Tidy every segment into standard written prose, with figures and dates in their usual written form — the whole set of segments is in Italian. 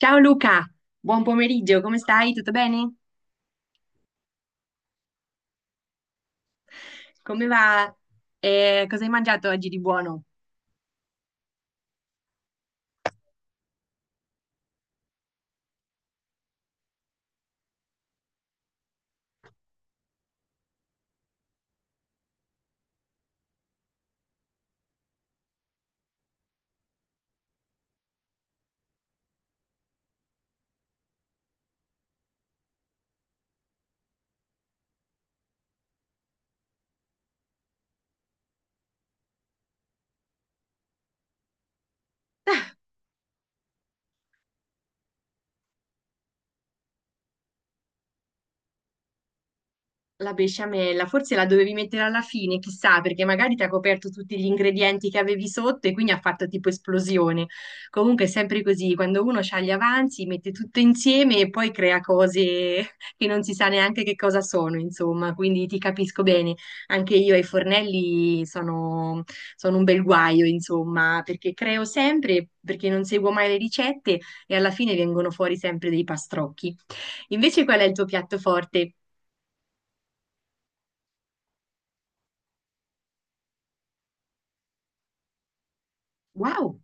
Ciao Luca, buon pomeriggio, come stai? Tutto bene? Come va? Cosa hai mangiato oggi di buono? La besciamella, forse la dovevi mettere alla fine, chissà, perché magari ti ha coperto tutti gli ingredienti che avevi sotto e quindi ha fatto tipo esplosione. Comunque è sempre così, quando uno ha gli avanzi, mette tutto insieme e poi crea cose che non si sa neanche che cosa sono, insomma, quindi ti capisco bene. Anche io ai fornelli sono un bel guaio, insomma, perché creo sempre, perché non seguo mai le ricette e alla fine vengono fuori sempre dei pastrocchi. Invece qual è il tuo piatto forte? Wow!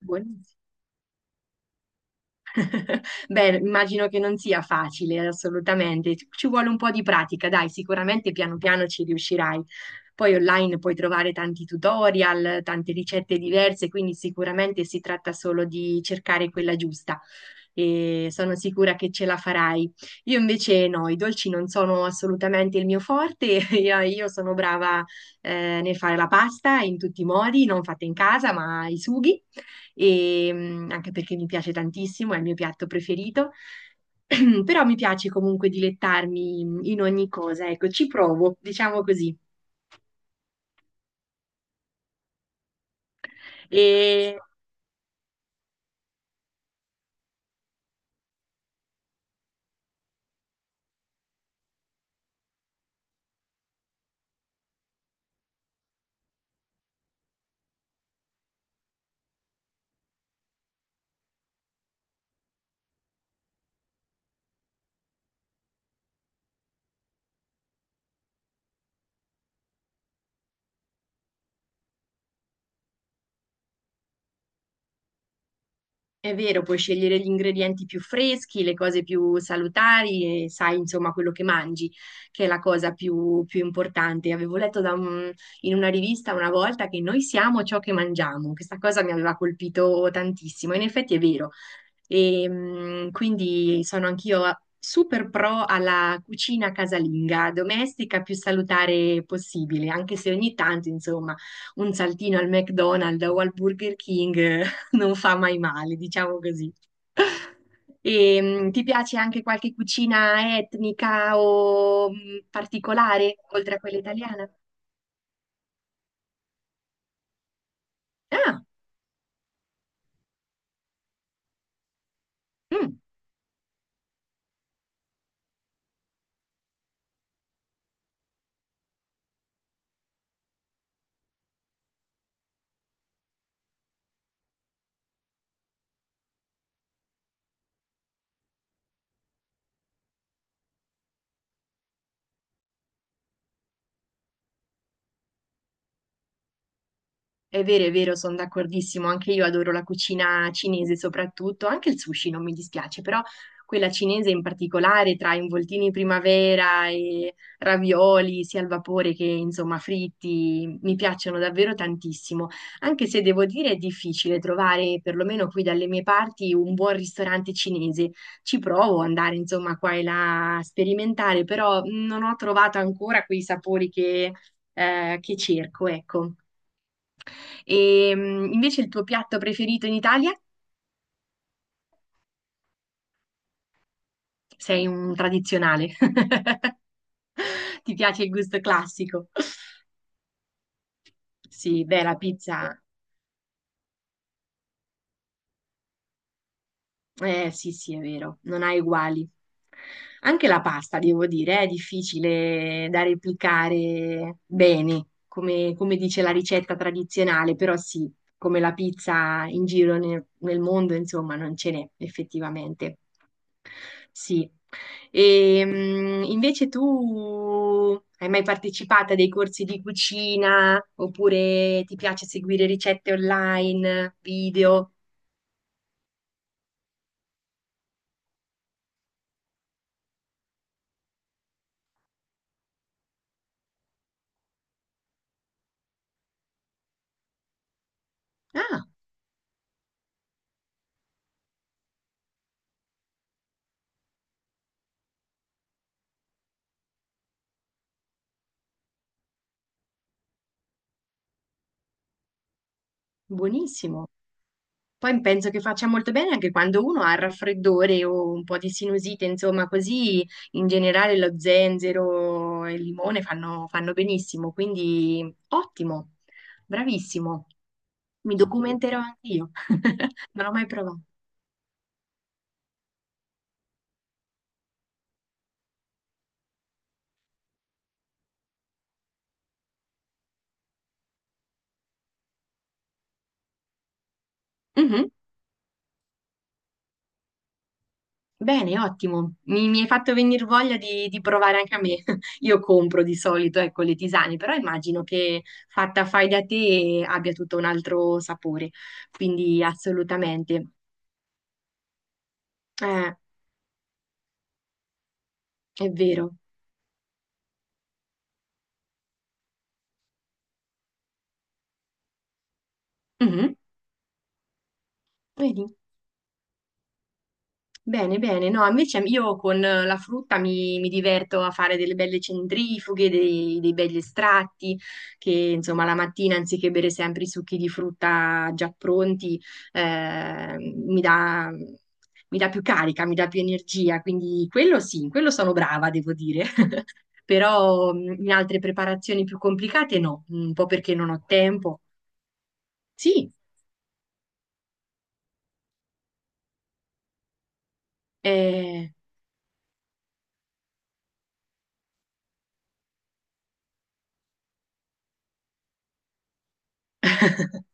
Buonissimo. Beh, immagino che non sia facile, assolutamente. Ci vuole un po' di pratica, dai, sicuramente piano piano ci riuscirai. Poi online puoi trovare tanti tutorial, tante ricette diverse, quindi sicuramente si tratta solo di cercare quella giusta. E sono sicura che ce la farai. Io invece no, i dolci non sono assolutamente il mio forte. Io sono brava nel fare la pasta in tutti i modi, non fatta in casa, ma i sughi e anche perché mi piace tantissimo, è il mio piatto preferito, però mi piace comunque dilettarmi in ogni cosa, ecco, ci provo, diciamo così. E È vero, puoi scegliere gli ingredienti più freschi, le cose più salutari e sai insomma quello che mangi, che è la cosa più importante. Avevo letto da in una rivista una volta che noi siamo ciò che mangiamo. Questa cosa mi aveva colpito tantissimo. In effetti è vero. E, quindi sono anch'io super pro alla cucina casalinga, domestica più salutare possibile, anche se ogni tanto insomma un saltino al McDonald's o al Burger King non fa mai male, diciamo così. E, ti piace anche qualche cucina etnica o particolare, oltre a quella italiana? Ah, mm. È vero, sono d'accordissimo, anche io adoro la cucina cinese soprattutto, anche il sushi non mi dispiace, però quella cinese in particolare tra involtini in primavera e ravioli sia al vapore che insomma fritti, mi piacciono davvero tantissimo, anche se devo dire è difficile trovare, perlomeno qui dalle mie parti, un buon ristorante cinese. Ci provo ad andare insomma qua e là a sperimentare, però non ho trovato ancora quei sapori che cerco, ecco. E invece il tuo piatto preferito in Italia? Sei un tradizionale. Ti piace il gusto classico? Sì, beh, la pizza. Eh sì, sì, è vero, non ha uguali. Anche la pasta, devo dire, è difficile da replicare bene, come dice la ricetta tradizionale, però sì, come la pizza in giro nel mondo, insomma, non ce n'è effettivamente. Sì. E, invece tu hai mai partecipato a dei corsi di cucina oppure ti piace seguire ricette online, video? Ah, buonissimo. Poi penso che faccia molto bene anche quando uno ha il raffreddore o un po' di sinusite, insomma, così in generale lo zenzero e il limone fanno benissimo, quindi ottimo, bravissimo. Mi documenterò anche io, non l'ho mai provato. Mhm, bene, ottimo. Mi hai fatto venire voglia di provare anche a me. Io compro di solito, ecco, le tisane, però immagino che fatta fai da te abbia tutto un altro sapore, quindi assolutamente. Eh, È vero. Mhm. Vedi? Bene, bene. No, invece io con la frutta mi diverto a fare delle belle centrifughe, dei begli estratti, che insomma la mattina anziché bere sempre i succhi di frutta già pronti, eh, mi dà, mi dà più carica, mi dà più energia. Quindi quello sì, in quello sono brava, devo dire. Però in altre preparazioni più complicate no, un po' perché non ho tempo. Sì, eh...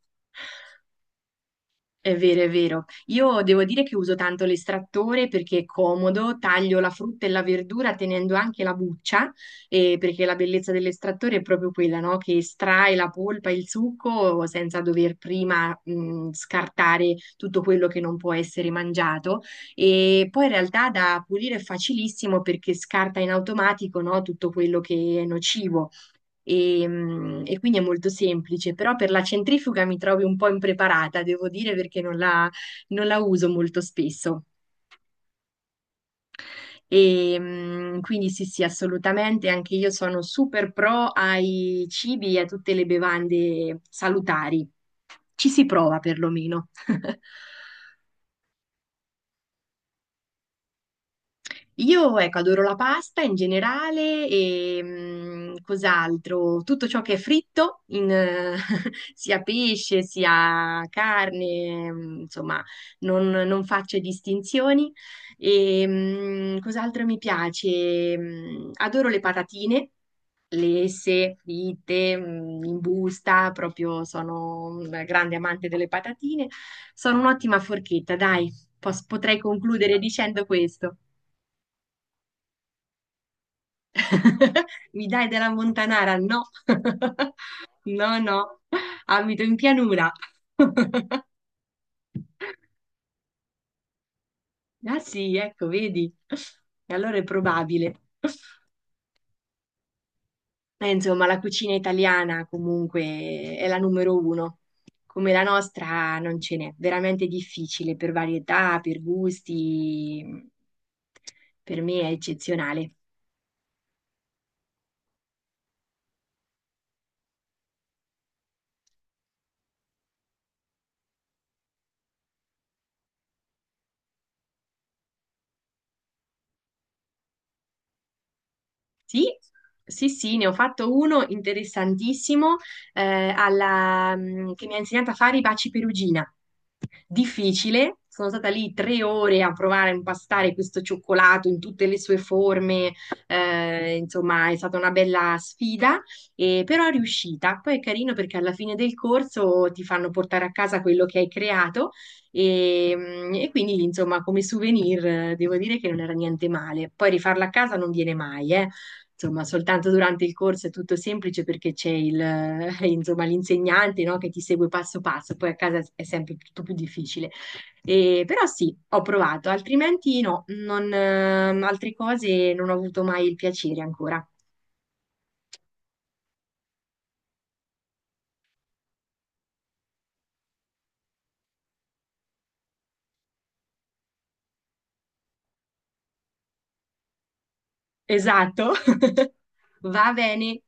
È vero, è vero. Io devo dire che uso tanto l'estrattore perché è comodo, taglio la frutta e la verdura tenendo anche la buccia, perché la bellezza dell'estrattore è proprio quella, no? Che estrae la polpa e il succo senza dover prima, scartare tutto quello che non può essere mangiato. E poi in realtà da pulire è facilissimo perché scarta in automatico, no? Tutto quello che è nocivo e quindi è molto semplice, però per la centrifuga mi trovi un po' impreparata, devo dire, perché non la uso molto spesso. E, quindi sì, sì, assolutamente, anche io sono super pro ai cibi e a tutte le bevande salutari. Ci si prova perlomeno. Io, ecco, adoro la pasta in generale e cos'altro? Tutto ciò che è fritto, sia pesce sia carne, insomma, non faccio distinzioni. E, cos'altro mi piace? Adoro le patatine. Lesse, fritte, in busta, proprio sono un grande amante delle patatine. Sono un'ottima forchetta, dai, potrei concludere dicendo questo. Mi dai della Montanara? No, no, no, abito in pianura. Ah sì, ecco, vedi. E allora è probabile. Insomma, la cucina italiana comunque è la numero uno. Come la nostra non ce n'è, veramente difficile per varietà, per gusti. Per me è eccezionale. Sì, sì, sì, ne ho fatto uno interessantissimo che mi ha insegnato a fare i baci perugina. Difficile, sono stata lì 3 ore a provare a impastare questo cioccolato in tutte le sue forme, insomma è stata una bella sfida, però è riuscita. Poi è carino perché alla fine del corso ti fanno portare a casa quello che hai creato e quindi insomma come souvenir devo dire che non era niente male. Poi rifarla a casa non viene mai, eh. Insomma, soltanto durante il corso è tutto semplice perché c'è insomma, l'insegnante, no, che ti segue passo passo, poi a casa è sempre tutto più difficile. Però sì, ho provato, altrimenti no, non, altre cose non ho avuto mai il piacere ancora. Esatto, va bene.